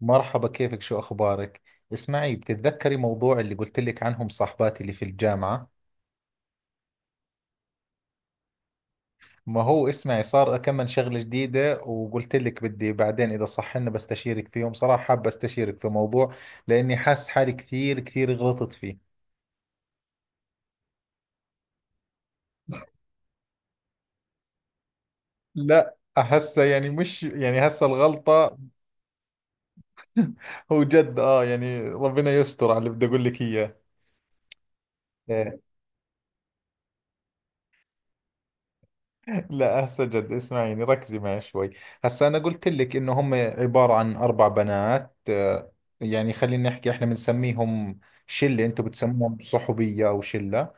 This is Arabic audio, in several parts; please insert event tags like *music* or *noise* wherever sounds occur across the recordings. مرحبا، كيفك؟ شو أخبارك؟ اسمعي، بتتذكري موضوع اللي قلت لك عنهم صاحباتي اللي في الجامعة؟ ما هو اسمعي، صار أكمل شغلة جديدة وقلت لك بدي بعدين إذا صح لنا بستشيرك فيهم. صراحة حاب أستشيرك في موضوع لأني حاسس حالي كثير كثير غلطت فيه. لا هسه يعني مش يعني هسه الغلطة. *laughs* هو جد آه يعني ربنا يستر على اللي بدي أقول لك إياه. لا هسه جد، اسمعيني ركزي معي شوي. هسه انا قلت لك انه هم عبارة عن اربع بنات، يعني خلينا نحكي احنا بنسميهم شلة. انتم بتسموهم صحوبية او شلة؟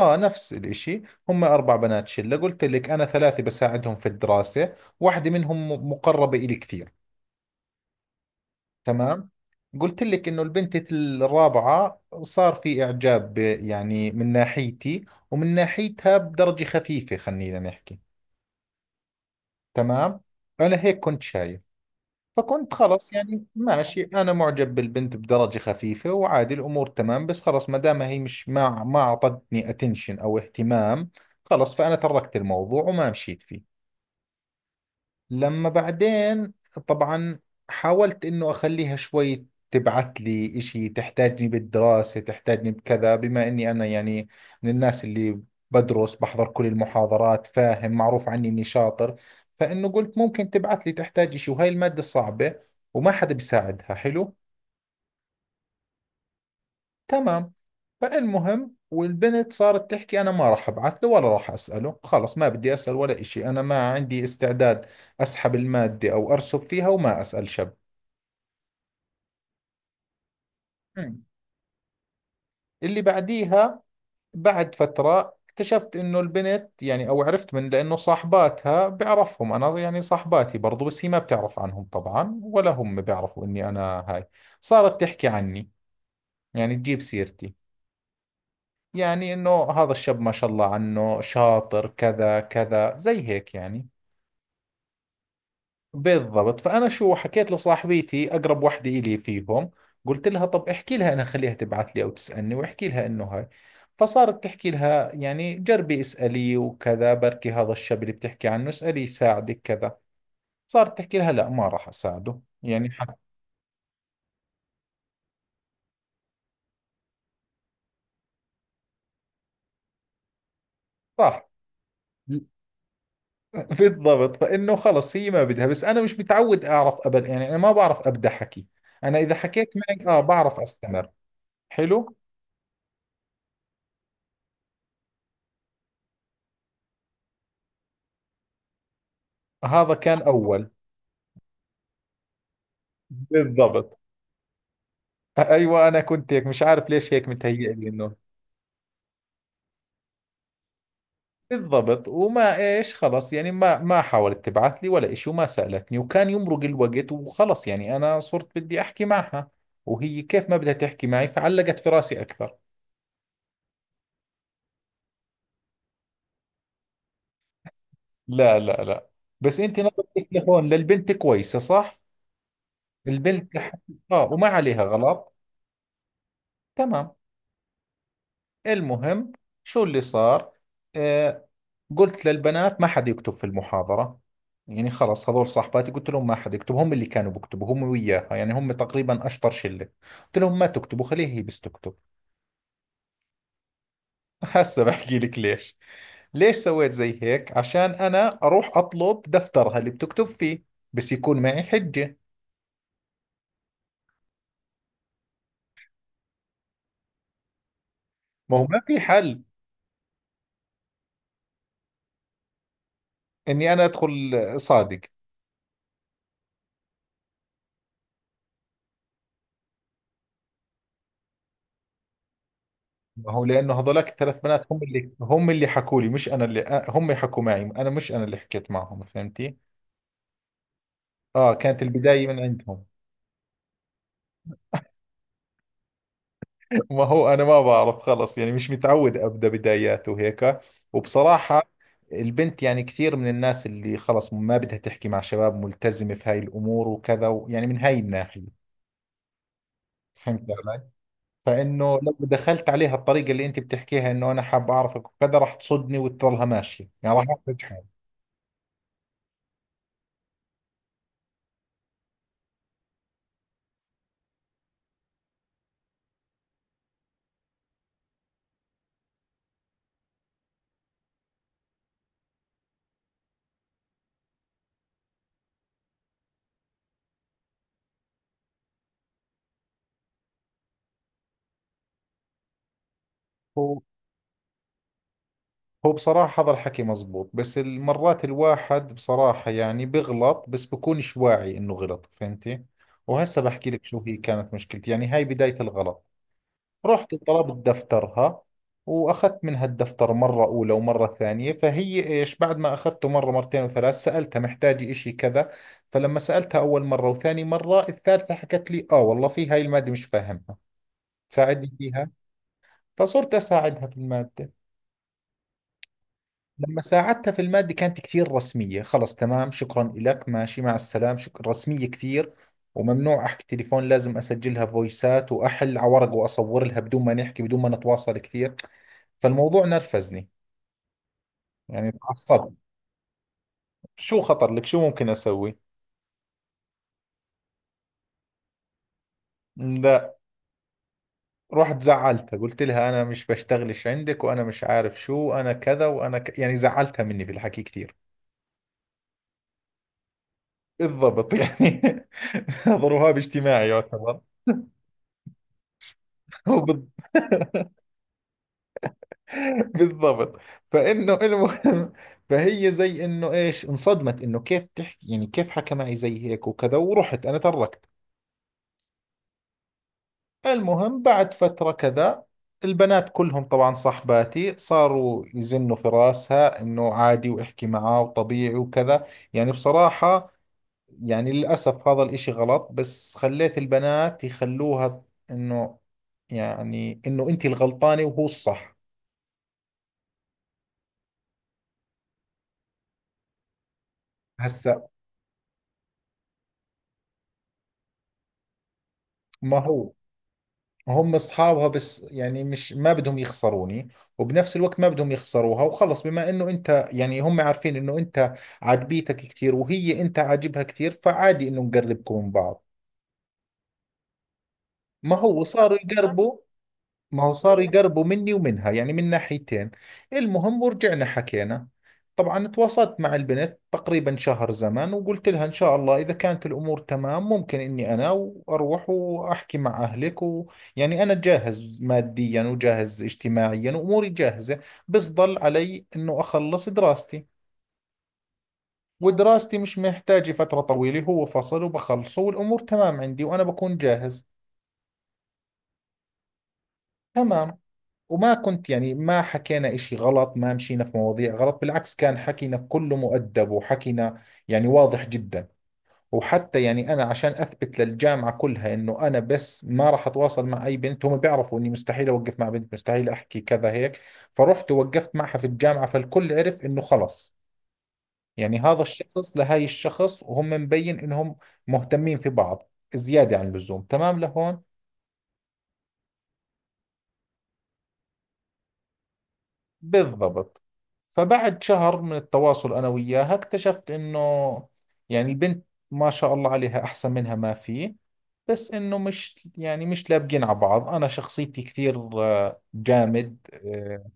اه، نفس الاشي. هم اربع بنات شلة، قلت لك انا ثلاثة بساعدهم في الدراسة. واحدة منهم مقربة الي كثير. تمام، قلت لك انه البنت الرابعة صار في اعجاب، يعني من ناحيتي ومن ناحيتها بدرجة خفيفة، خلينا نحكي. تمام. أنا هيك كنت شايف، فكنت خلص يعني ماشي، أنا معجب بالبنت بدرجة خفيفة وعادي الأمور تمام. بس خلص ما دام هي مش ما أعطتني اتنشن أو اهتمام، خلص فأنا تركت الموضوع وما مشيت فيه. لما بعدين طبعا حاولت انه اخليها شوي تبعث لي اشي، تحتاجني بالدراسة تحتاجني بكذا، بما اني انا يعني من الناس اللي بدرس بحضر كل المحاضرات، فاهم؟ معروف عني اني شاطر، فانه قلت ممكن تبعث لي تحتاج اشي وهاي المادة صعبة وما حدا بيساعدها. حلو. تمام. فالمهم والبنت صارت تحكي أنا ما راح أبعث له ولا راح أسأله، خلص ما بدي أسأل ولا إشي، أنا ما عندي استعداد. أسحب المادة أو أرسب فيها وما أسأل شب. مم. اللي بعديها بعد فترة اكتشفت إنه البنت يعني أو عرفت من، لأنه صاحباتها بعرفهم أنا، يعني صاحباتي برضو، بس هي ما بتعرف عنهم طبعا ولا هم بيعرفوا إني أنا هاي. صارت تحكي عني، يعني تجيب سيرتي، يعني انه هذا الشاب ما شاء الله عنه شاطر كذا كذا زي هيك يعني. بالضبط. فانا شو حكيت لصاحبتي اقرب وحده الي فيهم، قلت لها طب احكي لها انا، خليها تبعث لي او تسالني، واحكي لها انه هاي. فصارت تحكي لها يعني جربي اسالي وكذا، بركي هذا الشاب اللي بتحكي عنه اسالي يساعدك كذا. صارت تحكي لها لا ما راح اساعده، يعني حق. صح. بالضبط. فانه خلص هي ما بدها. بس انا مش متعود اعرف ابدا، يعني انا ما بعرف ابدا حكي. انا اذا حكيت معك بعرف استمر. حلو. هذا كان اول. بالضبط. ايوه انا كنت هيك، مش عارف ليش هيك متهيئ لي انه. بالضبط. وما ايش خلص يعني ما حاولت تبعث لي ولا إشي وما سالتني وكان يمرق الوقت. وخلص يعني انا صرت بدي احكي معها وهي كيف ما بدها تحكي معي، فعلقت في راسي اكثر. لا لا لا، بس انت نظرة التليفون للبنت كويسة صح؟ البنت لح... اه وما عليها غلط. تمام. المهم شو اللي صار، آه، قلت للبنات ما حد يكتب في المحاضرة. يعني خلص هذول صاحباتي قلت لهم ما حد يكتب، هم اللي كانوا بيكتبوا هم وياها، يعني هم تقريبا اشطر شلة. قلت لهم ما تكتبوا خليها هي بس تكتب. *laughs* هسه بحكي لك ليش. ليش سويت زي هيك؟ عشان انا اروح اطلب دفترها اللي بتكتب فيه بس يكون معي حجة. ما هو ما في حل اني انا ادخل. صادق. ما هو لانه هذولاك الثلاث بنات هم اللي حكوا لي، مش انا اللي، هم حكوا معي، انا مش انا اللي حكيت معهم. فهمتي؟ اه، كانت البدايه من عندهم. ما هو انا ما بعرف خلص، يعني مش متعود ابدا بدايات وهيك. وبصراحه البنت يعني كثير من الناس اللي خلص ما بدها تحكي مع شباب، ملتزمه في هاي الامور وكذا يعني من هاي الناحيه. فهمت علي؟ فانه لو دخلت عليها الطريقه اللي انت بتحكيها انه انا حاب اعرفك وكذا، راح تصدني وتضلها ماشيه، يعني راح احرج حالي. هو بصراحة هذا الحكي مزبوط. بس المرات الواحد بصراحة يعني بغلط بس بكونش واعي انه غلط، فهمتي؟ وهسه بحكي لك شو هي كانت مشكلتي، يعني هاي بداية الغلط. رحت طلبت دفترها واخذت منها الدفتر مرة اولى ومرة ثانية، فهي ايش بعد ما اخذته مرة مرتين وثلاث سألتها محتاجة اشي كذا. فلما سألتها اول مرة وثاني مرة الثالثة حكت لي اه والله في هاي المادة مش فاهمها، تساعدني فيها. فصرت اساعدها في المادة. لما ساعدتها في المادة كانت كثير رسمية. خلص تمام شكرا لك ماشي مع السلام شكرا، رسمية كثير. وممنوع أحكي تليفون، لازم أسجلها فويسات وأحل على ورق وأصور لها بدون ما نحكي، بدون ما نتواصل كثير. فالموضوع نرفزني، يعني تعصبت. شو خطر لك شو ممكن أسوي؟ لا، رحت زعلتها قلت لها أنا مش بشتغلش عندك وأنا مش عارف شو أنا كذا وأنا يعني زعلتها مني في الحكي كثير. بالضبط يعني. *laughs* ضربها باجتماعي يعتبر. *laughs* بالضبط. فانه المهم. فهي زي انه ايش انصدمت انه كيف تحكي يعني كيف حكى معي زي هيك وكذا، ورحت انا تركت. المهم بعد فترة كذا البنات كلهم طبعا صحباتي صاروا يزنوا في راسها انه عادي واحكي معاه وطبيعي وكذا. يعني بصراحة، يعني للأسف هذا الاشي غلط، بس خليت البنات يخلوها انه، يعني انه انت الغلطانة وهو الصح. هسا. ما هو هم اصحابها، بس يعني مش ما بدهم يخسروني، وبنفس الوقت ما بدهم يخسروها، وخلص بما انه انت يعني هم عارفين انه انت عاجبيتك كثير وهي انت عاجبها كثير فعادي انه نقربكم من بعض. ما هو صاروا صح يقربوا. ما هو صار يقربوا مني ومنها يعني من ناحيتين. المهم ورجعنا حكينا. طبعا تواصلت مع البنت تقريبا شهر زمن وقلت لها إن شاء الله إذا كانت الأمور تمام ممكن إني أنا وأروح وأحكي مع أهلك، ويعني أنا جاهز ماديا وجاهز اجتماعيا وأموري جاهزة. بس ضل علي إنه أخلص دراستي، ودراستي مش محتاجة فترة طويلة، هو فصل وبخلصه والأمور تمام عندي وأنا بكون جاهز. تمام. وما كنت يعني ما حكينا إشي غلط، ما مشينا في مواضيع غلط، بالعكس كان حكينا كله مؤدب وحكينا يعني واضح جدا. وحتى يعني أنا عشان أثبت للجامعة كلها إنه أنا بس ما راح أتواصل مع أي بنت، هم بيعرفوا إني مستحيل أوقف مع بنت مستحيل أحكي كذا هيك. فرحت ووقفت معها في الجامعة فالكل عرف إنه خلص، يعني هذا الشخص لهاي الشخص وهم مبين إنهم مهتمين في بعض زيادة عن اللزوم. تمام لهون. بالضبط. فبعد شهر من التواصل أنا وياها اكتشفت إنه يعني البنت ما شاء الله عليها أحسن منها ما في، بس إنه مش يعني مش لابقين على بعض. أنا شخصيتي كثير جامد،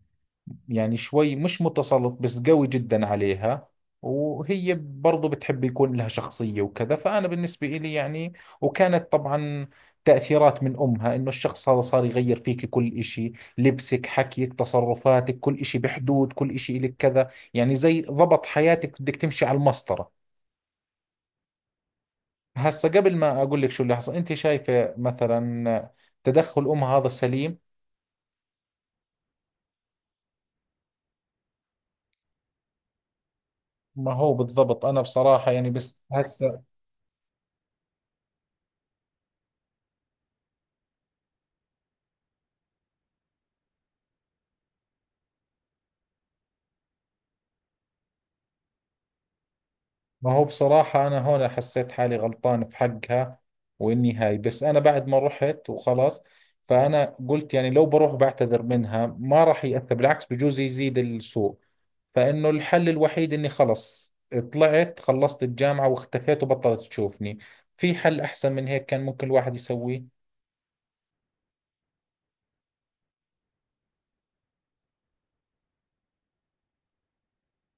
يعني شوي مش متسلط بس قوي جدا عليها، وهي برضو بتحب يكون لها شخصية وكذا، فأنا بالنسبة إلي يعني. وكانت طبعا تأثيرات من أمها إنه الشخص هذا صار يغير فيك كل إشي، لبسك حكيك تصرفاتك كل إشي بحدود، كل إشي إلك كذا، يعني زي ضبط حياتك بدك تمشي على المسطرة. هسا قبل ما أقول لك شو اللي حصل، أنت شايفة مثلا تدخل أمها هذا سليم؟ ما هو بالضبط أنا بصراحة يعني بس هسا. ما هو بصراحة أنا هون حسيت حالي غلطان في حقها، وإني هاي بس أنا بعد ما رحت وخلاص. فأنا قلت يعني لو بروح بعتذر منها ما راح يأثر، بالعكس بجوز يزيد السوء، فإنه الحل الوحيد إني خلص طلعت خلصت الجامعة واختفيت وبطلت تشوفني. في حل أحسن من هيك كان ممكن الواحد يسويه؟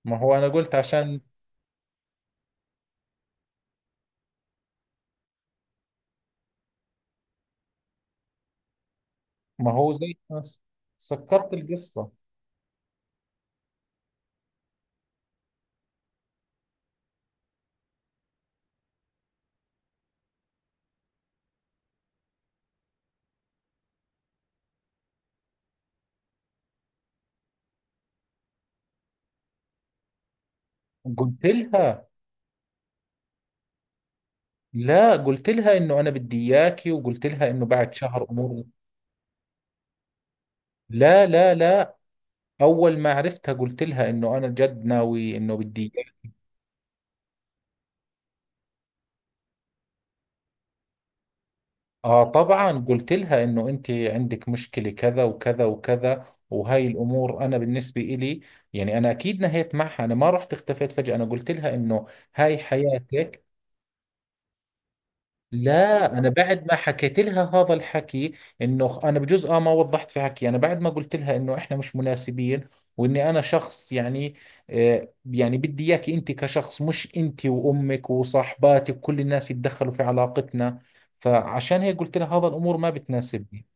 ما هو أنا قلت عشان. ما هو زي. سكرت القصة. قلت لها. لا قلت لها إنه أنا بدي إياكي، وقلت لها إنه بعد شهر أمور. لا لا لا. اول ما عرفتها قلت لها انه انا جد ناوي انه بدي إياك. اه طبعا قلت لها انه انت عندك مشكلة كذا وكذا وكذا وهاي الامور انا بالنسبة إلي يعني، انا اكيد نهيت معها، انا ما رحت اختفيت فجأة، انا قلت لها انه هاي حياتك. لا انا بعد ما حكيت لها هذا الحكي، انه انا بجوز ما وضحت في حكي، انا بعد ما قلت لها انه احنا مش مناسبين، واني انا شخص يعني آه يعني بدي اياكي انت كشخص، مش انت وامك وصاحباتك كل الناس يتدخلوا في علاقتنا. فعشان هيك قلت لها هذا الامور ما بتناسبني.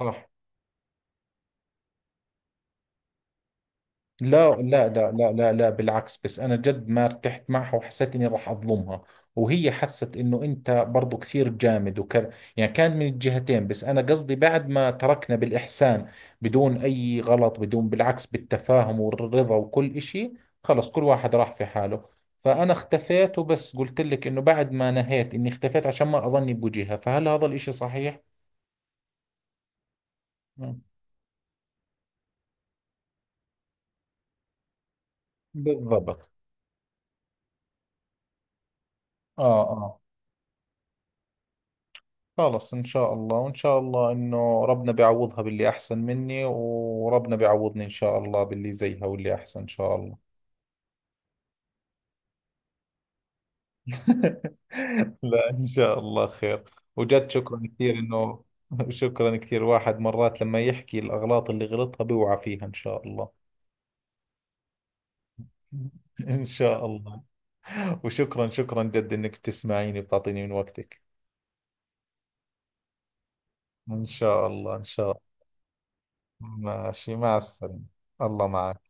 صح. لا لا لا لا لا لا، بالعكس. بس انا جد ما ارتحت معها وحسيت اني راح اظلمها، وهي حست انه انت برضو كثير جامد وكذا، يعني كان من الجهتين. بس انا قصدي بعد ما تركنا بالاحسان، بدون اي غلط، بدون، بالعكس بالتفاهم والرضا وكل اشي، خلص كل واحد راح في حاله. فانا اختفيت، وبس قلت لك انه بعد ما نهيت اني اختفيت عشان ما اظني بوجهها. فهل هذا الاشي صحيح؟ مم. بالضبط. اه اه. خلص إن شاء الله، وإن شاء الله إنه ربنا بيعوضها باللي أحسن مني، وربنا بيعوضني إن شاء الله باللي زيها واللي أحسن إن شاء الله. *laughs* لا إن شاء الله خير. وجد شكرا كثير إنه. *laughs* شكرا كثير. واحد مرات لما يحكي الأغلاط اللي غلطها بيوعى فيها إن شاء الله. *laughs* إن شاء الله. وشكرا شكرا جد إنك بتسمعيني بتعطيني من وقتك. إن شاء الله إن شاء الله. ماشي مع السلامة. الله معك.